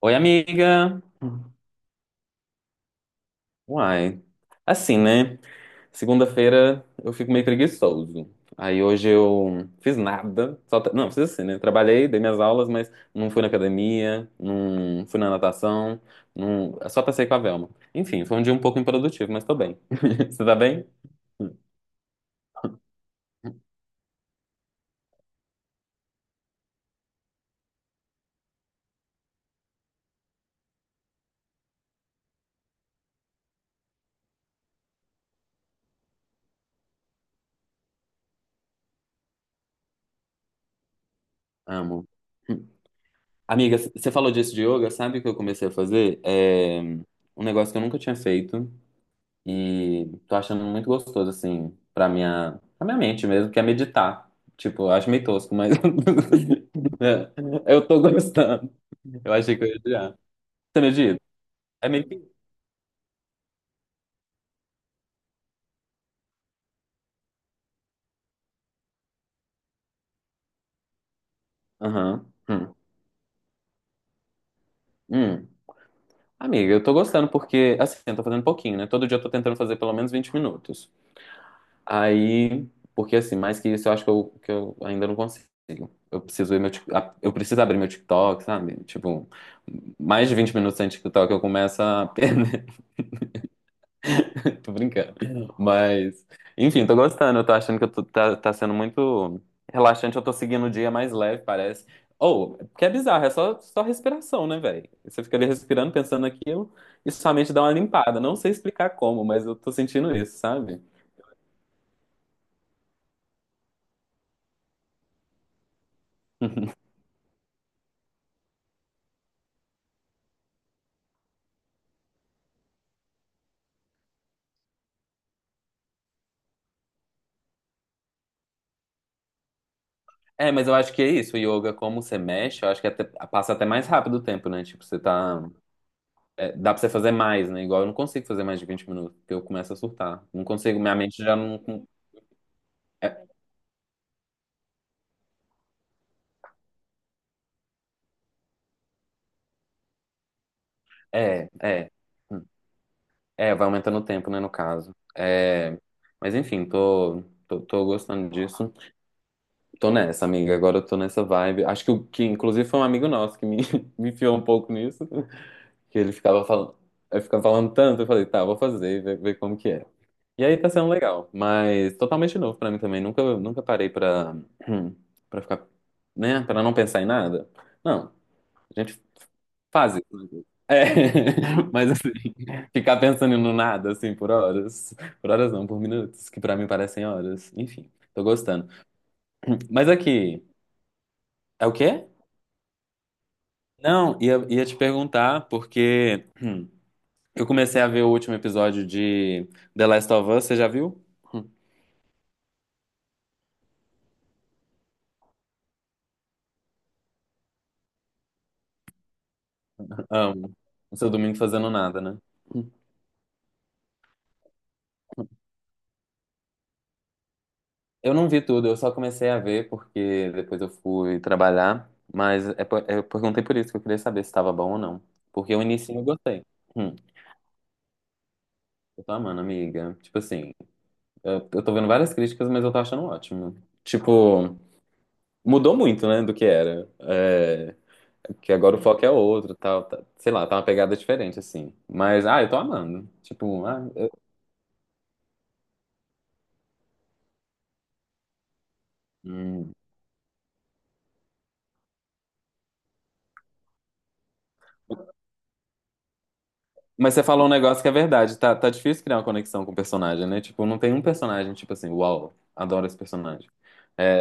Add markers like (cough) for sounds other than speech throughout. Oi, amiga. Uai. Assim, né? Segunda-feira eu fico meio preguiçoso. Aí hoje eu fiz nada. Não, fiz assim, né? Trabalhei, dei minhas aulas, mas não fui na academia, não fui na natação, não... só passei com a Velma. Enfim, foi um dia um pouco improdutivo, mas tô bem. (laughs) Você tá bem? Amo. Amiga, você falou disso de yoga, sabe o que eu comecei a fazer? É um negócio que eu nunca tinha feito. E tô achando muito gostoso, assim, pra minha mente mesmo, que é meditar. Tipo, eu acho meio tosco, mas (laughs) é, eu tô gostando. Eu achei que eu ia odiar. Você medita? É meio que. Aham. Hum. Hum. Amiga, eu tô gostando porque, assim, eu tô fazendo pouquinho, né? Todo dia eu tô tentando fazer pelo menos 20 minutos. Aí, porque assim, mais que isso, eu acho que eu ainda não consigo. Eu preciso ir meu, eu preciso abrir meu TikTok, sabe? Tipo, mais de 20 minutos sem TikTok eu começo a (laughs) perder. Tô brincando. Mas, enfim, tô gostando. Eu tô achando que tá sendo muito relaxante. Eu tô seguindo o dia mais leve, parece. Ou, que é bizarro, é só respiração, né, velho? Você fica ali respirando, pensando naquilo, e sua mente dá uma limpada. Não sei explicar como, mas eu tô sentindo isso, sabe? (laughs) É, mas eu acho que é isso. O yoga, como você mexe, eu acho que passa até mais rápido o tempo, né? Tipo, você tá. É, dá pra você fazer mais, né? Igual eu não consigo fazer mais de 20 minutos, porque eu começo a surtar. Não consigo, minha mente já não. É, é. É. É, vai aumentando o tempo, né, no caso. É, mas enfim, tô gostando disso. Tô nessa, amiga. Agora eu tô nessa vibe. Acho que, o que inclusive foi um amigo nosso que me, (laughs) me enfiou um pouco nisso. Que ele ficava falando, eu ficava falando tanto, eu falei, tá, vou fazer, e ver como que é. E aí tá sendo legal, mas totalmente novo pra mim também. Nunca parei pra, (clears throat) pra ficar, né, pra não pensar em nada. Não, a gente Fases. Né? É, (laughs) mas assim, ficar pensando no nada, assim, por horas. Por horas não, por minutos, que pra mim parecem horas. Enfim, tô gostando. Mas aqui, é o quê? Não, ia te perguntar, porque eu comecei a ver o último episódio de The Last of Us, você já viu? Amo. O seu domingo fazendo nada, né? Eu não vi tudo, eu só comecei a ver porque depois eu fui trabalhar, mas eu perguntei por isso que eu queria saber se estava bom ou não. Porque o início eu gostei. Hum. Eu tô amando, amiga. Tipo assim, eu tô vendo várias críticas, mas eu tô achando ótimo. Tipo, mudou muito, né, do que era. É, que agora o foco é outro, tal, tá, sei lá, tá uma pegada diferente, assim. Mas, ah, eu tô amando. Tipo, ah, eu- hum. Mas você falou um negócio que é verdade, tá difícil criar uma conexão com o personagem, né? Tipo, não tem um personagem, tipo assim, uau, adoro esse personagem. É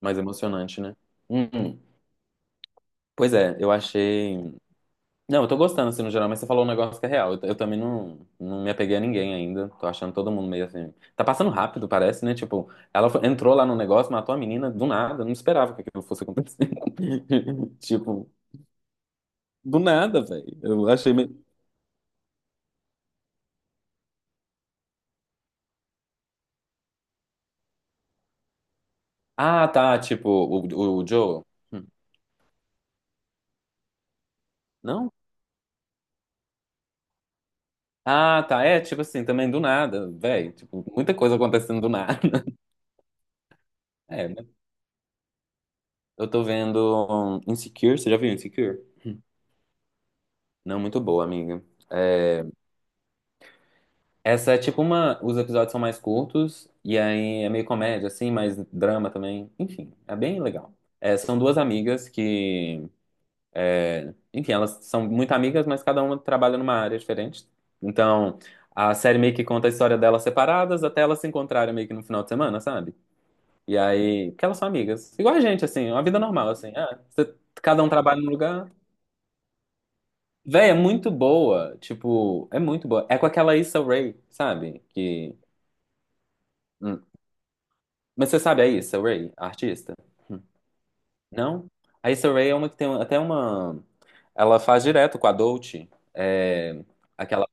mais emocionante, né? Hum, hum. Pois é, eu achei. Não, eu tô gostando, assim, no geral, mas você falou um negócio que é real. Eu também não me apeguei a ninguém ainda. Tô achando todo mundo meio assim. Tá passando rápido, parece, né? Tipo, entrou lá no negócio, matou a menina do nada. Eu não esperava que aquilo fosse acontecer. (laughs) Tipo, do nada, velho. Eu achei meio. Ah, tá. Tipo, o Joe. Hum, Não? Ah, tá. É, tipo assim, também do nada, velho. Tipo, muita coisa acontecendo do nada. (laughs) É, né? Eu tô vendo um, Insecure. Você já viu Insecure? Não, muito boa, amiga. Essa é tipo uma. Os episódios são mais curtos, e aí é meio comédia, assim, mais drama também. Enfim, é bem legal. É, são duas amigas que. Enfim, elas são muito amigas, mas cada uma trabalha numa área diferente. Então, a série meio que conta a história delas separadas até elas se encontrarem meio que no final de semana, sabe? E aí. Porque elas são amigas. Igual a gente, assim, uma vida normal, assim. Ah, você- cada um trabalha num lugar. Véi, é muito boa. Tipo, é muito boa. É com aquela Issa Rae, sabe? Que. Hum. Mas você sabe a Issa Rae, a artista? Hum. Não? A Issa Rae é uma que tem até uma. Ela faz direto com a Dolce. É... Aquela.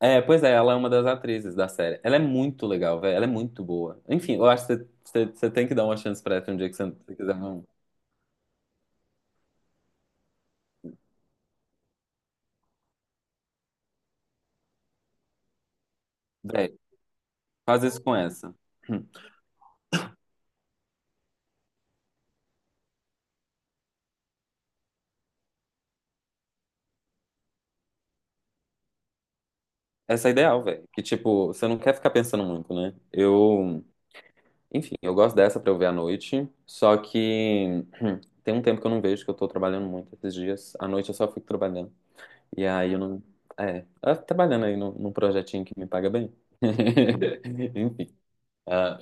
É, pois é, ela é uma das atrizes da série. Ela é muito legal, velho. Ela é muito boa. Enfim, eu acho que você tem que dar uma chance pra ela um dia que você quiser. Não. Véi, faz isso com essa. Hum. Essa é ideal, velho. Que tipo, você não quer ficar pensando muito, né? Eu. Enfim, eu gosto dessa pra eu ver à noite. Só que. (clears throat) Tem um tempo que eu não vejo, que eu tô trabalhando muito esses dias. À noite eu só fico trabalhando. E aí eu não. É, eu tô trabalhando aí num projetinho que me paga bem. (laughs) Enfim. Ah,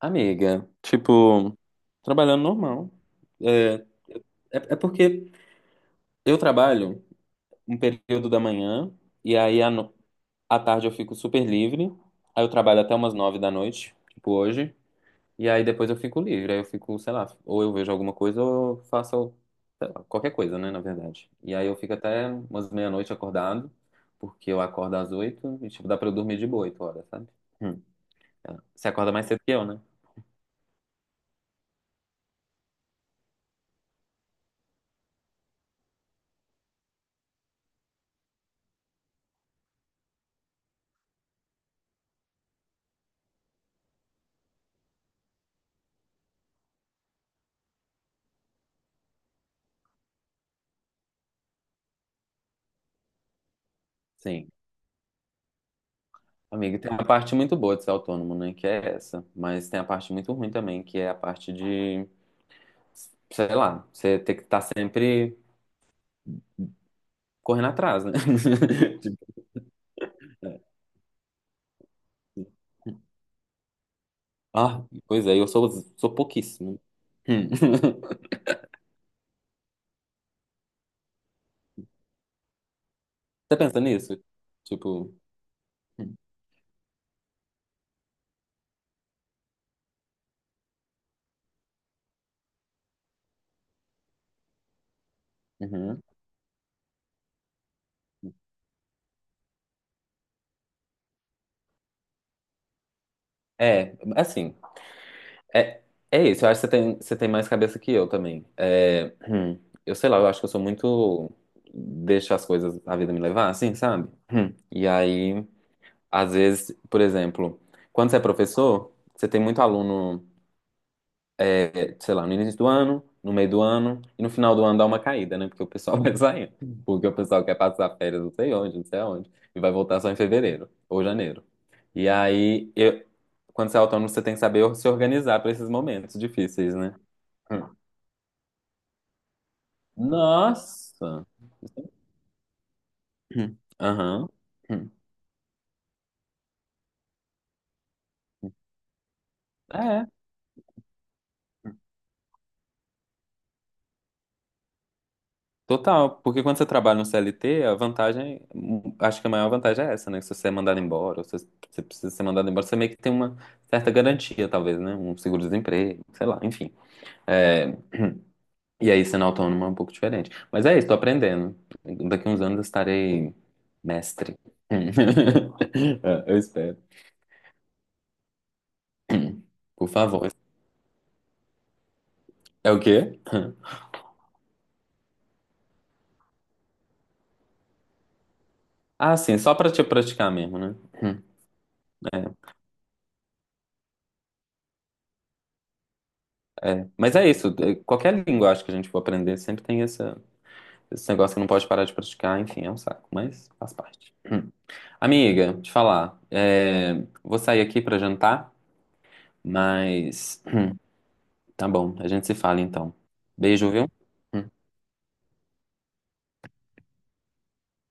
amiga, tipo, trabalhando normal. É, é, porque eu trabalho um período da manhã, e aí à, no- à tarde eu fico super livre. Aí eu trabalho até umas 9 da noite, tipo hoje. E aí depois eu fico livre, aí eu fico, sei lá, ou eu vejo alguma coisa ou eu faço, sei lá, qualquer coisa, né, na verdade. E aí eu fico até umas meia-noite acordado, porque eu acordo às 8 e, tipo, dá pra eu dormir de boa 8 horas, sabe? Hum. Você acorda mais cedo que eu, né? Sim. Amigo, tem uma parte muito boa de ser autônomo, né, que é essa. Mas tem a parte muito ruim também, que é a parte de, sei lá, você ter que estar sempre correndo atrás, né? (laughs) Tipo, ah, pois é, sou pouquíssimo. Hum. Você pensa nisso? Tipo, uhum. É, assim, é, é isso. Eu acho que você tem mais cabeça que eu também. É, eu sei lá, eu acho que eu sou muito. Deixo as coisas, a vida me levar, assim, sabe? Hum. E aí, às vezes, por exemplo, quando você é professor, você tem muito aluno. É, sei lá, no início do ano, no meio do ano e no final do ano dá uma caída, né? Porque o pessoal (laughs) vai saindo. Porque o pessoal quer passar férias não sei onde, não sei aonde, e vai voltar só em fevereiro ou janeiro. E aí, eu- quando você é autônomo, você tem que saber se organizar para esses momentos difíceis, né? Hum. Nossa! Hum. Aham. Hum. É. Total, porque quando você trabalha no CLT, a vantagem, acho que a maior vantagem é essa, né? Se você é mandado embora, ou se você precisa ser mandado embora, você meio que tem uma certa garantia, talvez, né? Um seguro-desemprego, sei lá, enfim. É, e aí, sendo autônomo é um pouco diferente. Mas é isso, tô aprendendo. Daqui uns anos eu estarei mestre. (laughs) É, eu espero. Por favor. É o quê? Ah, sim, só pra te praticar mesmo, né? É. Mas é isso, é, qualquer língua acho que a gente for aprender sempre tem essa. Esse negócio que não pode parar de praticar, enfim, é um saco, mas faz parte. Hum. Amiga, te falar, é, vou sair aqui pra jantar, mas tá bom, a gente se fala então. Beijo, viu? Hum.